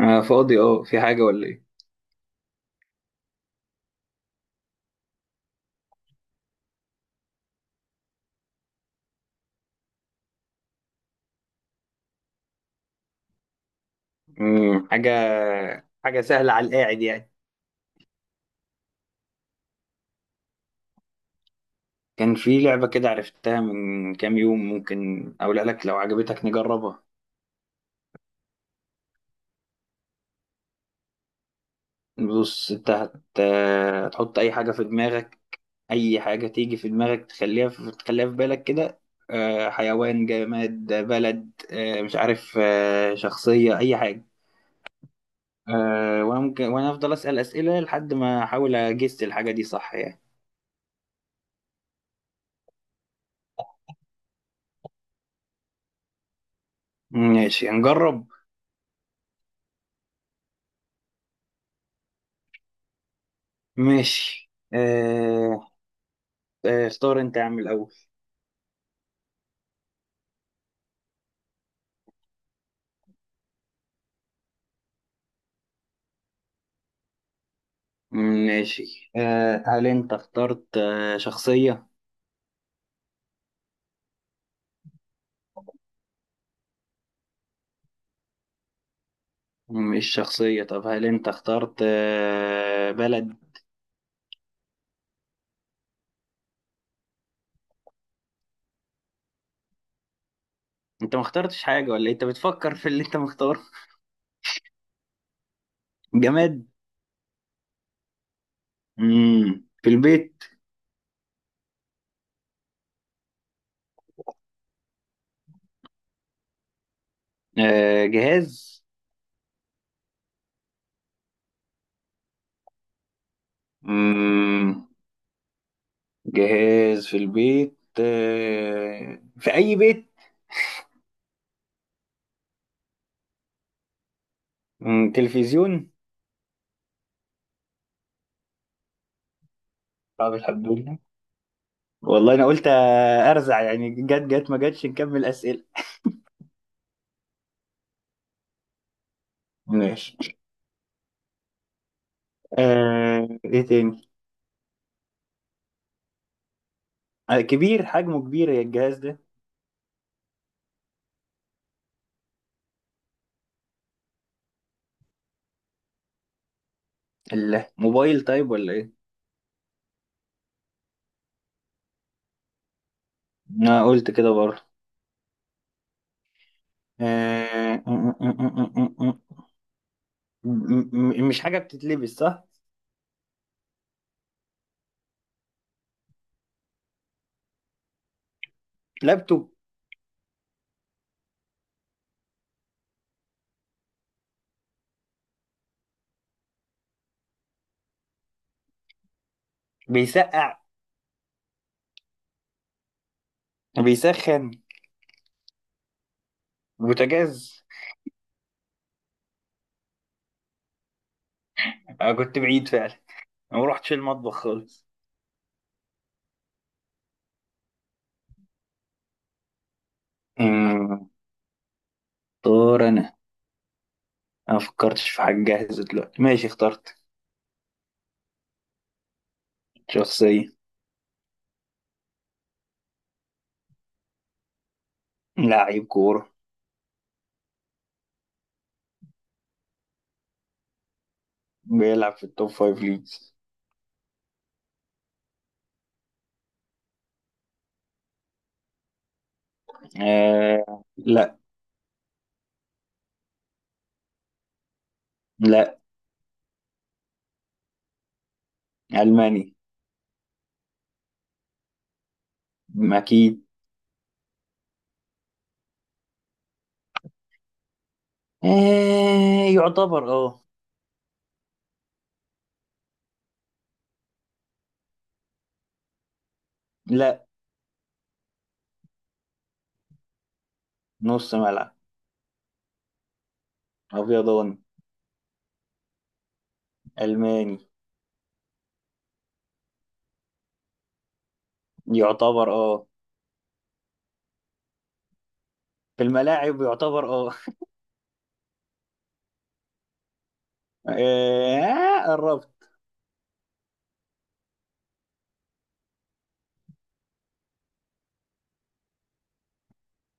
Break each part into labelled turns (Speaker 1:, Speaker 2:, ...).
Speaker 1: آه، فاضي. اه في حاجة ولا ايه؟ حاجة. حاجة سهلة على القاعد يعني. كان في لعبة كده عرفتها من كام يوم، ممكن أقولها لك لو عجبتك نجربها. بص انت هتحط أي حاجة في دماغك. أي حاجة تيجي في دماغك تخليها تخليها في بالك كده. حيوان، جماد، بلد، مش عارف، شخصية، أي حاجة. وأنا أفضل أسأل أسئلة لحد ما أحاول أجس الحاجة دي صح يعني. ماشي هنجرب. ماشي آه. اختار انت يا عم الأول. ماشي آه. هل انت اخترت شخصية؟ مش شخصية. طب هل انت اخترت بلد؟ انت ما اخترتش حاجة ولا إيه؟ انت بتفكر في اللي انت مختاره. جماد. في البيت. جهاز. مم. جهاز في البيت، في أي بيت. تلفزيون. طب الحمد لله. والله انا قلت ارزع يعني، جت جت ما جتش، نكمل أسئلة. ماشي. ايه تاني. كبير، حجمه كبير يا الجهاز ده؟ الموبايل طيب ولا ايه؟ انا قلت كده برضه. آه م- م- م- مش حاجة بتتلبس صح؟ لابتوب. بيسقع. بيسخن. بوتاجاز. انا كنت بعيد فعلا. أنا ما رحتش المطبخ خالص. أمم، اختار انا. انا ما فكرتش في حاجة جاهزة دلوقتي، ماشي اخترت. شخصية. لاعب كورة. بيلعب في التوب فايف ليجز. آه، لا. لا. ألماني. أكيد. آه، يعتبر لا. نص ملعب. أبيضاني. ألماني. يعتبر في الملاعب يعتبر آه، قربت.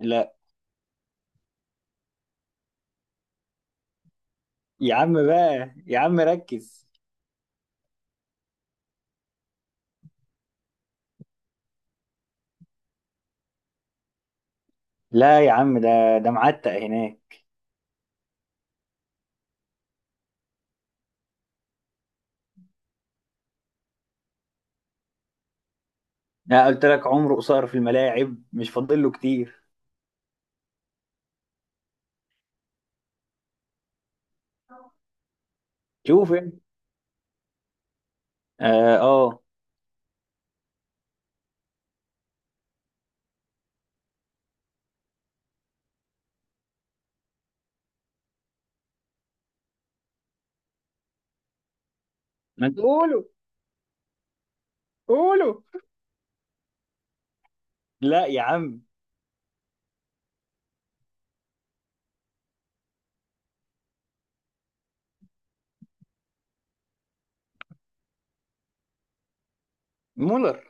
Speaker 1: لا يا عم بقى، يا عم ركز. لا يا عم، ده معتق هناك. أنا قلت لك عمره قصير في الملاعب، مش فاضل له كتير. شوف يعني. اه. آه. ما أنت- قولوا. قولوا. لا يا عم. مولر.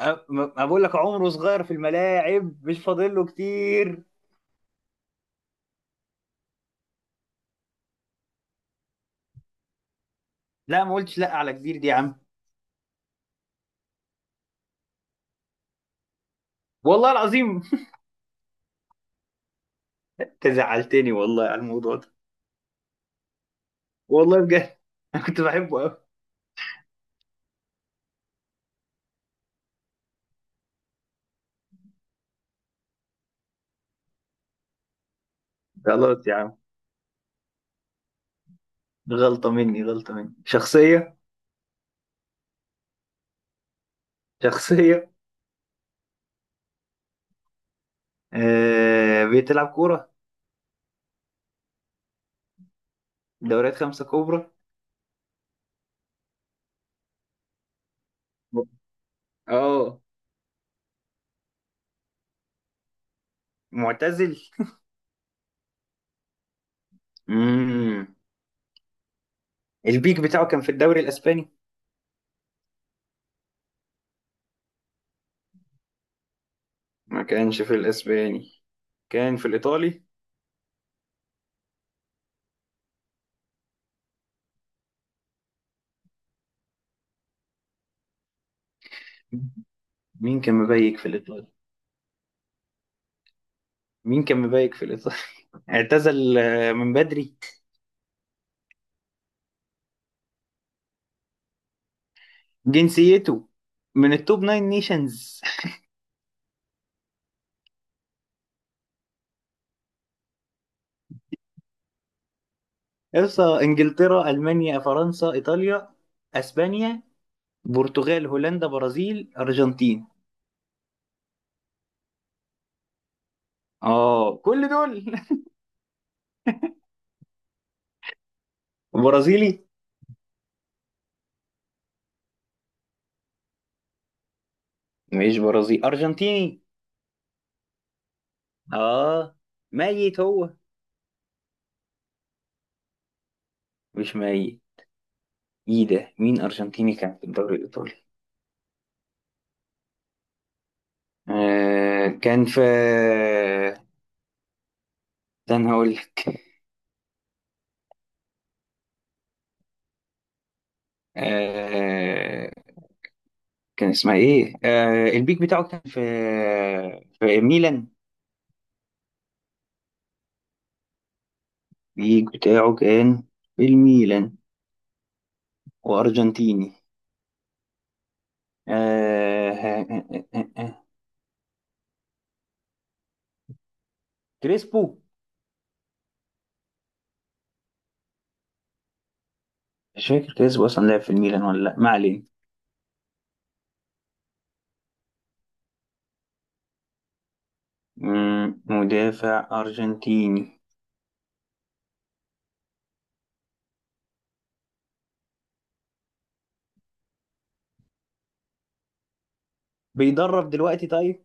Speaker 1: أ- ما بقول لك عمره صغير في الملاعب، مش فاضل له كتير. لا ما قلتش لا على كبير دي يا عم. والله العظيم. انت زعلتني والله على الموضوع ده. والله بجد. انا كنت بحبه قوي. خلاص يا عم. غلطة مني، غلطة مني. شخصية. شخصية. بتلعب كورة. دوريات خمسة كبرى. اه، معتزل. امم. البيك بتاعه كان في الدوري الاسباني. ما كانش في الاسباني، كان في الايطالي. مين كان مبيك في الايطالي؟ مين كان مبيك في الايطالي؟ اعتزل آه، من بدري. جنسيته من التوب ناين نيشنز. اقصى انجلترا، المانيا، فرنسا، ايطاليا، اسبانيا، برتغال، هولندا، برازيل، ارجنتين. اه، كل دول. برازيلي. مش برازيلي، ارجنتيني. اه. ميت هو؟ مش ميت. ايه ده، مين ارجنتيني كان في الدوري الايطالي؟ آه كان في ده انا هقول لك. كان اسمها ايه البيك بتاعه كان في ميلان. البيك بتاعه كان في الميلان، وارجنتيني. آه آه آه آه آه. كريسبو. مش فاكر كريسبو اصلا لعب في الميلان ولا لا، ما علينا. مدافع ارجنتيني. بيدرب دلوقتي طيب؟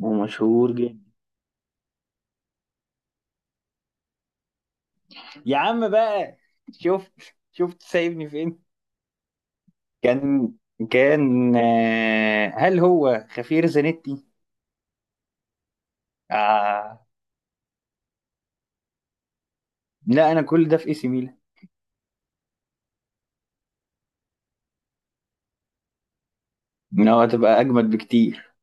Speaker 1: ومشهور جدا. يا عم بقى، شفت؟ شفت سايبني فين؟ كان كان هل هو خفير زانيتي؟ آه لا، انا كل ده في اي سي ميلان. إن هو هتبقى اجمد بكتير.